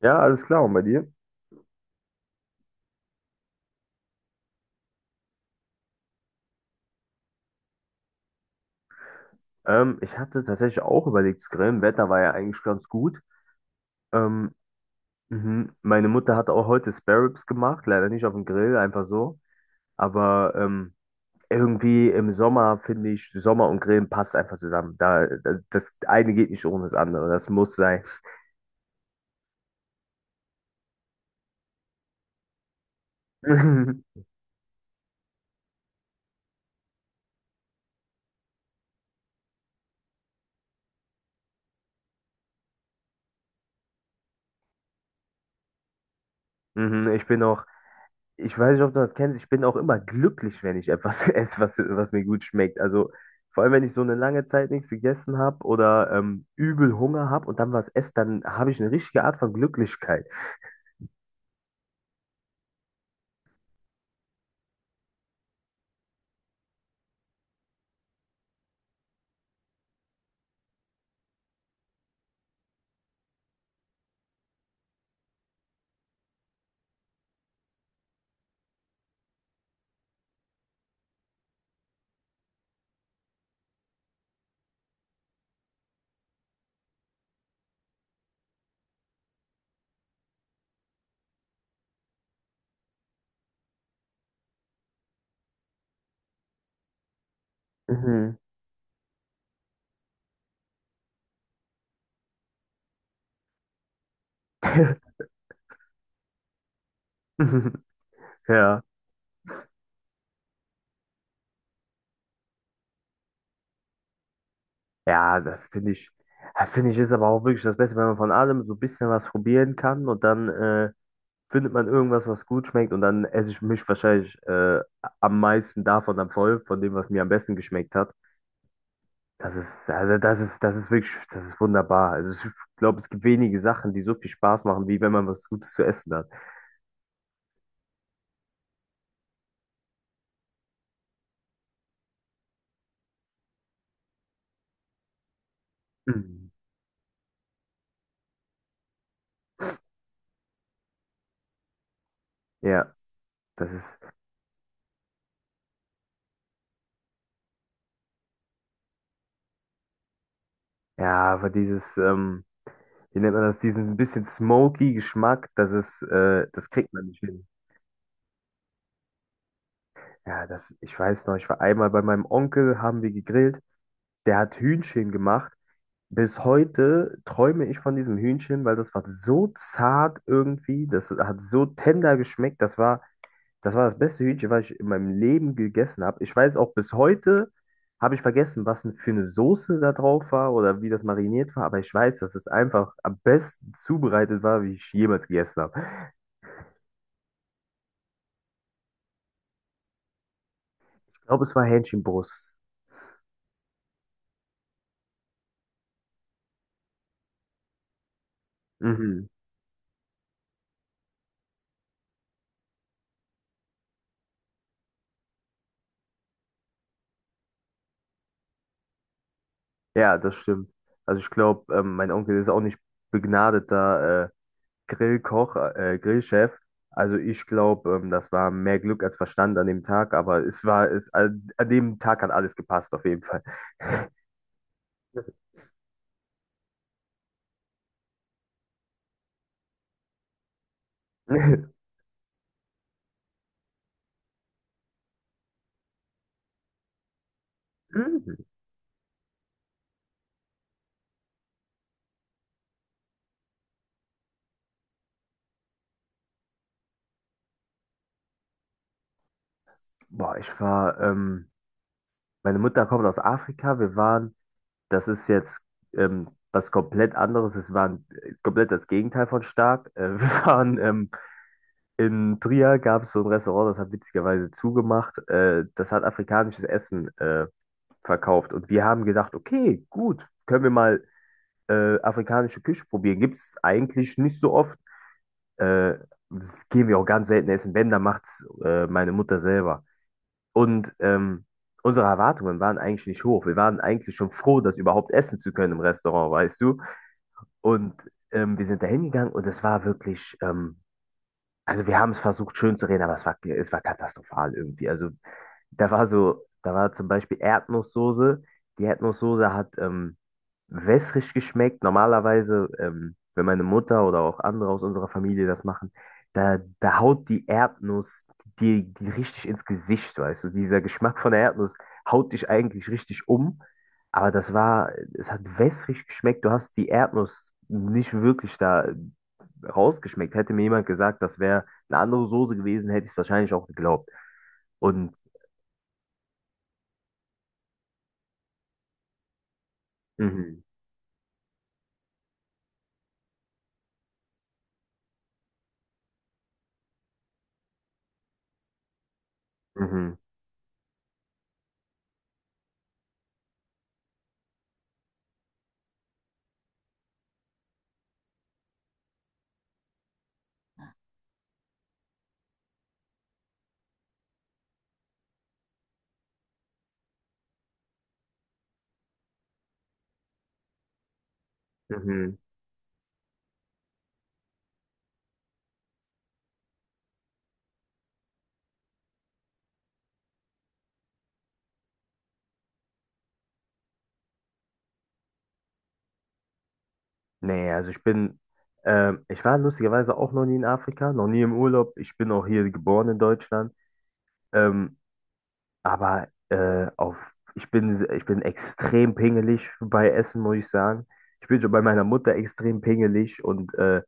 Ja, alles klar, und bei dir? Ich hatte tatsächlich auch überlegt zu grillen. Wetter war ja eigentlich ganz gut. Ähm, mhm. Meine Mutter hat auch heute Spare Ribs gemacht, leider nicht auf dem Grill, einfach so. Aber irgendwie im Sommer finde ich, Sommer und Grillen passt einfach zusammen. Das eine geht nicht ohne das andere. Das muss sein. Mhm. Ich bin auch Ich weiß nicht, ob du das kennst. Ich bin auch immer glücklich, wenn ich etwas esse, was mir gut schmeckt. Also vor allem, wenn ich so eine lange Zeit nichts gegessen habe oder übel Hunger habe und dann was esse, dann habe ich eine richtige Art von Glücklichkeit. Mhm. Ja. Ja, das finde ich ist aber auch wirklich das Beste, wenn man von allem so ein bisschen was probieren kann und dann findet man irgendwas, was gut schmeckt und dann esse ich mich wahrscheinlich am meisten davon dann voll, von dem, was mir am besten geschmeckt hat. Das ist wirklich, das ist wunderbar. Also ich glaube, es gibt wenige Sachen, die so viel Spaß machen, wie wenn man was Gutes zu essen hat. Mhm. Ja, das ist, ja, aber dieses, wie nennt man das, diesen bisschen smoky Geschmack, das kriegt man nicht hin. Ja, ich weiß noch, ich war einmal bei meinem Onkel, haben wir gegrillt, der hat Hühnchen gemacht. Bis heute träume ich von diesem Hühnchen, weil das war so zart irgendwie, das hat so tender geschmeckt, Das war das beste Hühnchen, was ich in meinem Leben gegessen habe. Ich weiß auch bis heute, habe ich vergessen, was denn für eine Soße da drauf war oder wie das mariniert war, aber ich weiß, dass es einfach am besten zubereitet war, wie ich jemals gegessen habe. Ich glaube, es war Hähnchenbrust. Mhm. Ja, das stimmt. Also ich glaube, mein Onkel ist auch nicht begnadeter Grillkoch, Grillchef. Also ich glaube, das war mehr Glück als Verstand an dem Tag, aber es war, es, an, an dem Tag hat alles gepasst, auf jeden Fall. Boah, meine Mutter kommt aus Afrika. Das ist jetzt was komplett anderes. Es war komplett das Gegenteil von stark. Wir waren in Trier, gab es so ein Restaurant, das hat witzigerweise zugemacht. Das hat afrikanisches Essen verkauft. Und wir haben gedacht, okay, gut, können wir mal afrikanische Küche probieren. Gibt es eigentlich nicht so oft. Äh, das gehen wir auch ganz selten essen. Wenn, dann macht es meine Mutter selber. Und unsere Erwartungen waren eigentlich nicht hoch. Wir waren eigentlich schon froh, das überhaupt essen zu können im Restaurant, weißt du? Und wir sind da hingegangen und es war wirklich, also wir haben es versucht schön zu reden, aber es war katastrophal irgendwie. Also da war zum Beispiel Erdnusssoße. Die Erdnusssoße hat wässrig geschmeckt. Normalerweise, wenn meine Mutter oder auch andere aus unserer Familie das machen, da haut die Erdnuss die richtig ins Gesicht, weißt du. Dieser Geschmack von der Erdnuss haut dich eigentlich richtig um. Aber das war, es hat wässrig geschmeckt. Du hast die Erdnuss nicht wirklich da rausgeschmeckt. Hätte mir jemand gesagt, das wäre eine andere Soße gewesen, hätte ich es wahrscheinlich auch geglaubt. Und mhm, mhm. Mhm. Nee, ich war lustigerweise auch noch nie in Afrika, noch nie im Urlaub. Ich bin auch hier geboren in Deutschland. Ähm, aber auf, ich bin, se- ich bin extrem pingelig bei Essen, muss ich sagen. Ich bin schon bei meiner Mutter extrem pingelig und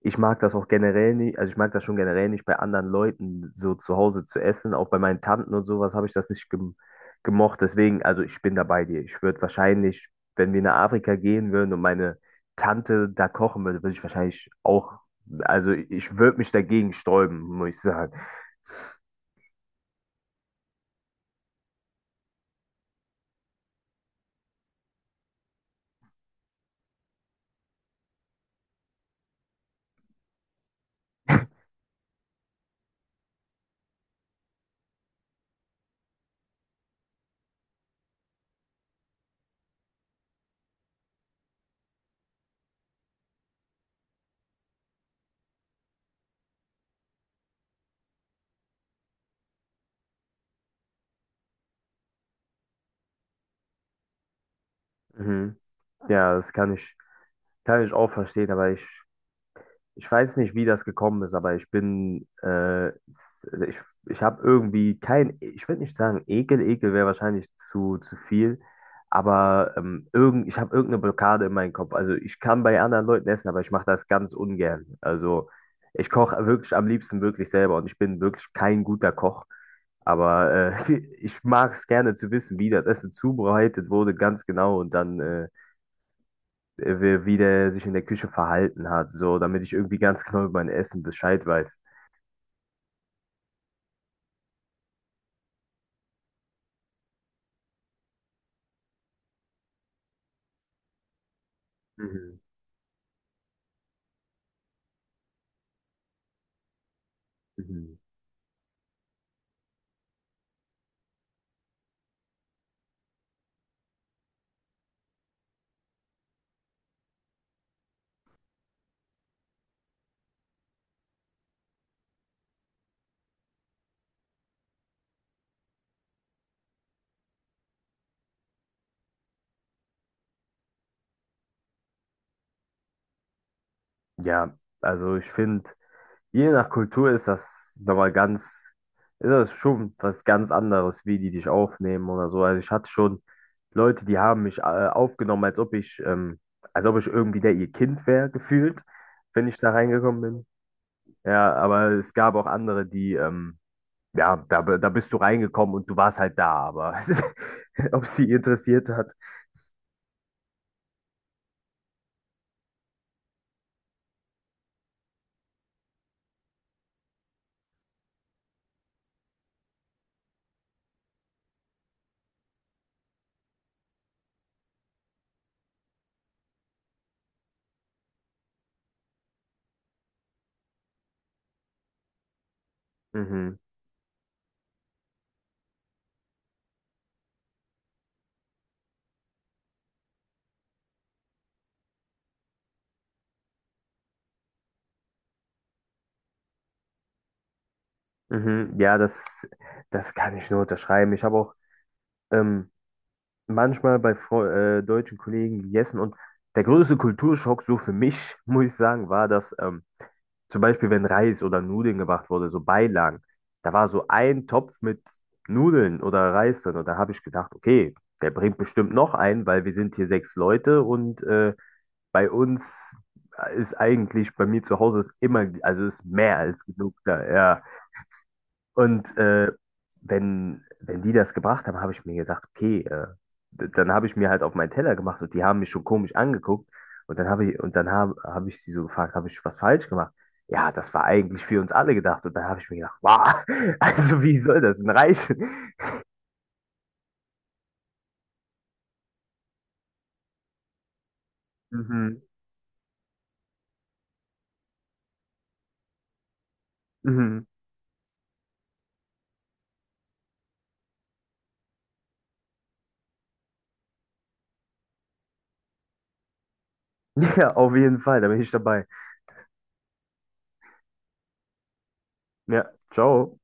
Ich mag das auch generell nicht, also ich mag das schon generell nicht, bei anderen Leuten so zu Hause zu essen. Auch bei meinen Tanten und sowas habe ich das nicht gemocht. Deswegen, also ich bin da bei dir. Wenn wir nach Afrika gehen würden und meine Tante da kochen würde, würde ich wahrscheinlich auch, also ich würde mich dagegen sträuben, muss ich sagen. Mhm. Ja, kann ich auch verstehen, aber Ich weiß nicht, wie das gekommen ist, aber ich, ich habe irgendwie kein, ich würde nicht sagen Ekel, Ekel wäre wahrscheinlich zu viel, aber ich habe irgendeine Blockade in meinem Kopf. Also ich kann bei anderen Leuten essen, aber ich mache das ganz ungern. Also ich koche wirklich am liebsten wirklich selber und ich bin wirklich kein guter Koch, aber äh, ich mag es gerne zu wissen, wie das Essen zubereitet wurde, ganz genau und wie der sich in der Küche verhalten hat, so, damit ich irgendwie ganz genau über mein Essen Bescheid weiß. Mhm. Mhm. Ja, also ich finde, je nach Kultur ist das nochmal ganz, ist das schon was ganz anderes, wie die dich aufnehmen oder so. Also ich hatte schon Leute, die haben mich aufgenommen, als ob ich irgendwie der ihr Kind wäre, gefühlt, wenn ich da reingekommen bin. Ja, aber es gab auch andere, die Ja, da bist du reingekommen und du warst halt da, aber ob sie interessiert hat. Mhm, mhm, ja, das kann ich nur unterschreiben. Ich habe auch ähm, manchmal bei Fre deutschen Kollegen gegessen und der größte Kulturschock so für mich, muss ich sagen, war, dass zum Beispiel, wenn Reis oder Nudeln gemacht wurde, so Beilagen, da war so ein Topf mit Nudeln oder Reis drin und da habe ich gedacht, okay, der bringt bestimmt noch einen, weil wir sind hier sechs Leute und bei uns ist eigentlich, bei mir zu Hause ist immer, also ist mehr als genug da, ja. Und wenn die das gebracht haben, habe ich mir gedacht, okay, dann habe ich mir halt auf meinen Teller gemacht und die haben mich schon komisch angeguckt. Und dann habe ich, und dann habe hab ich sie so gefragt, habe ich was falsch gemacht? Ja, das war eigentlich für uns alle gedacht. Und dann habe ich mir gedacht, wow, also wie soll das denn reichen? Mhm, mhm. Ja, auf jeden Fall, da bin ich dabei. Ja, ciao.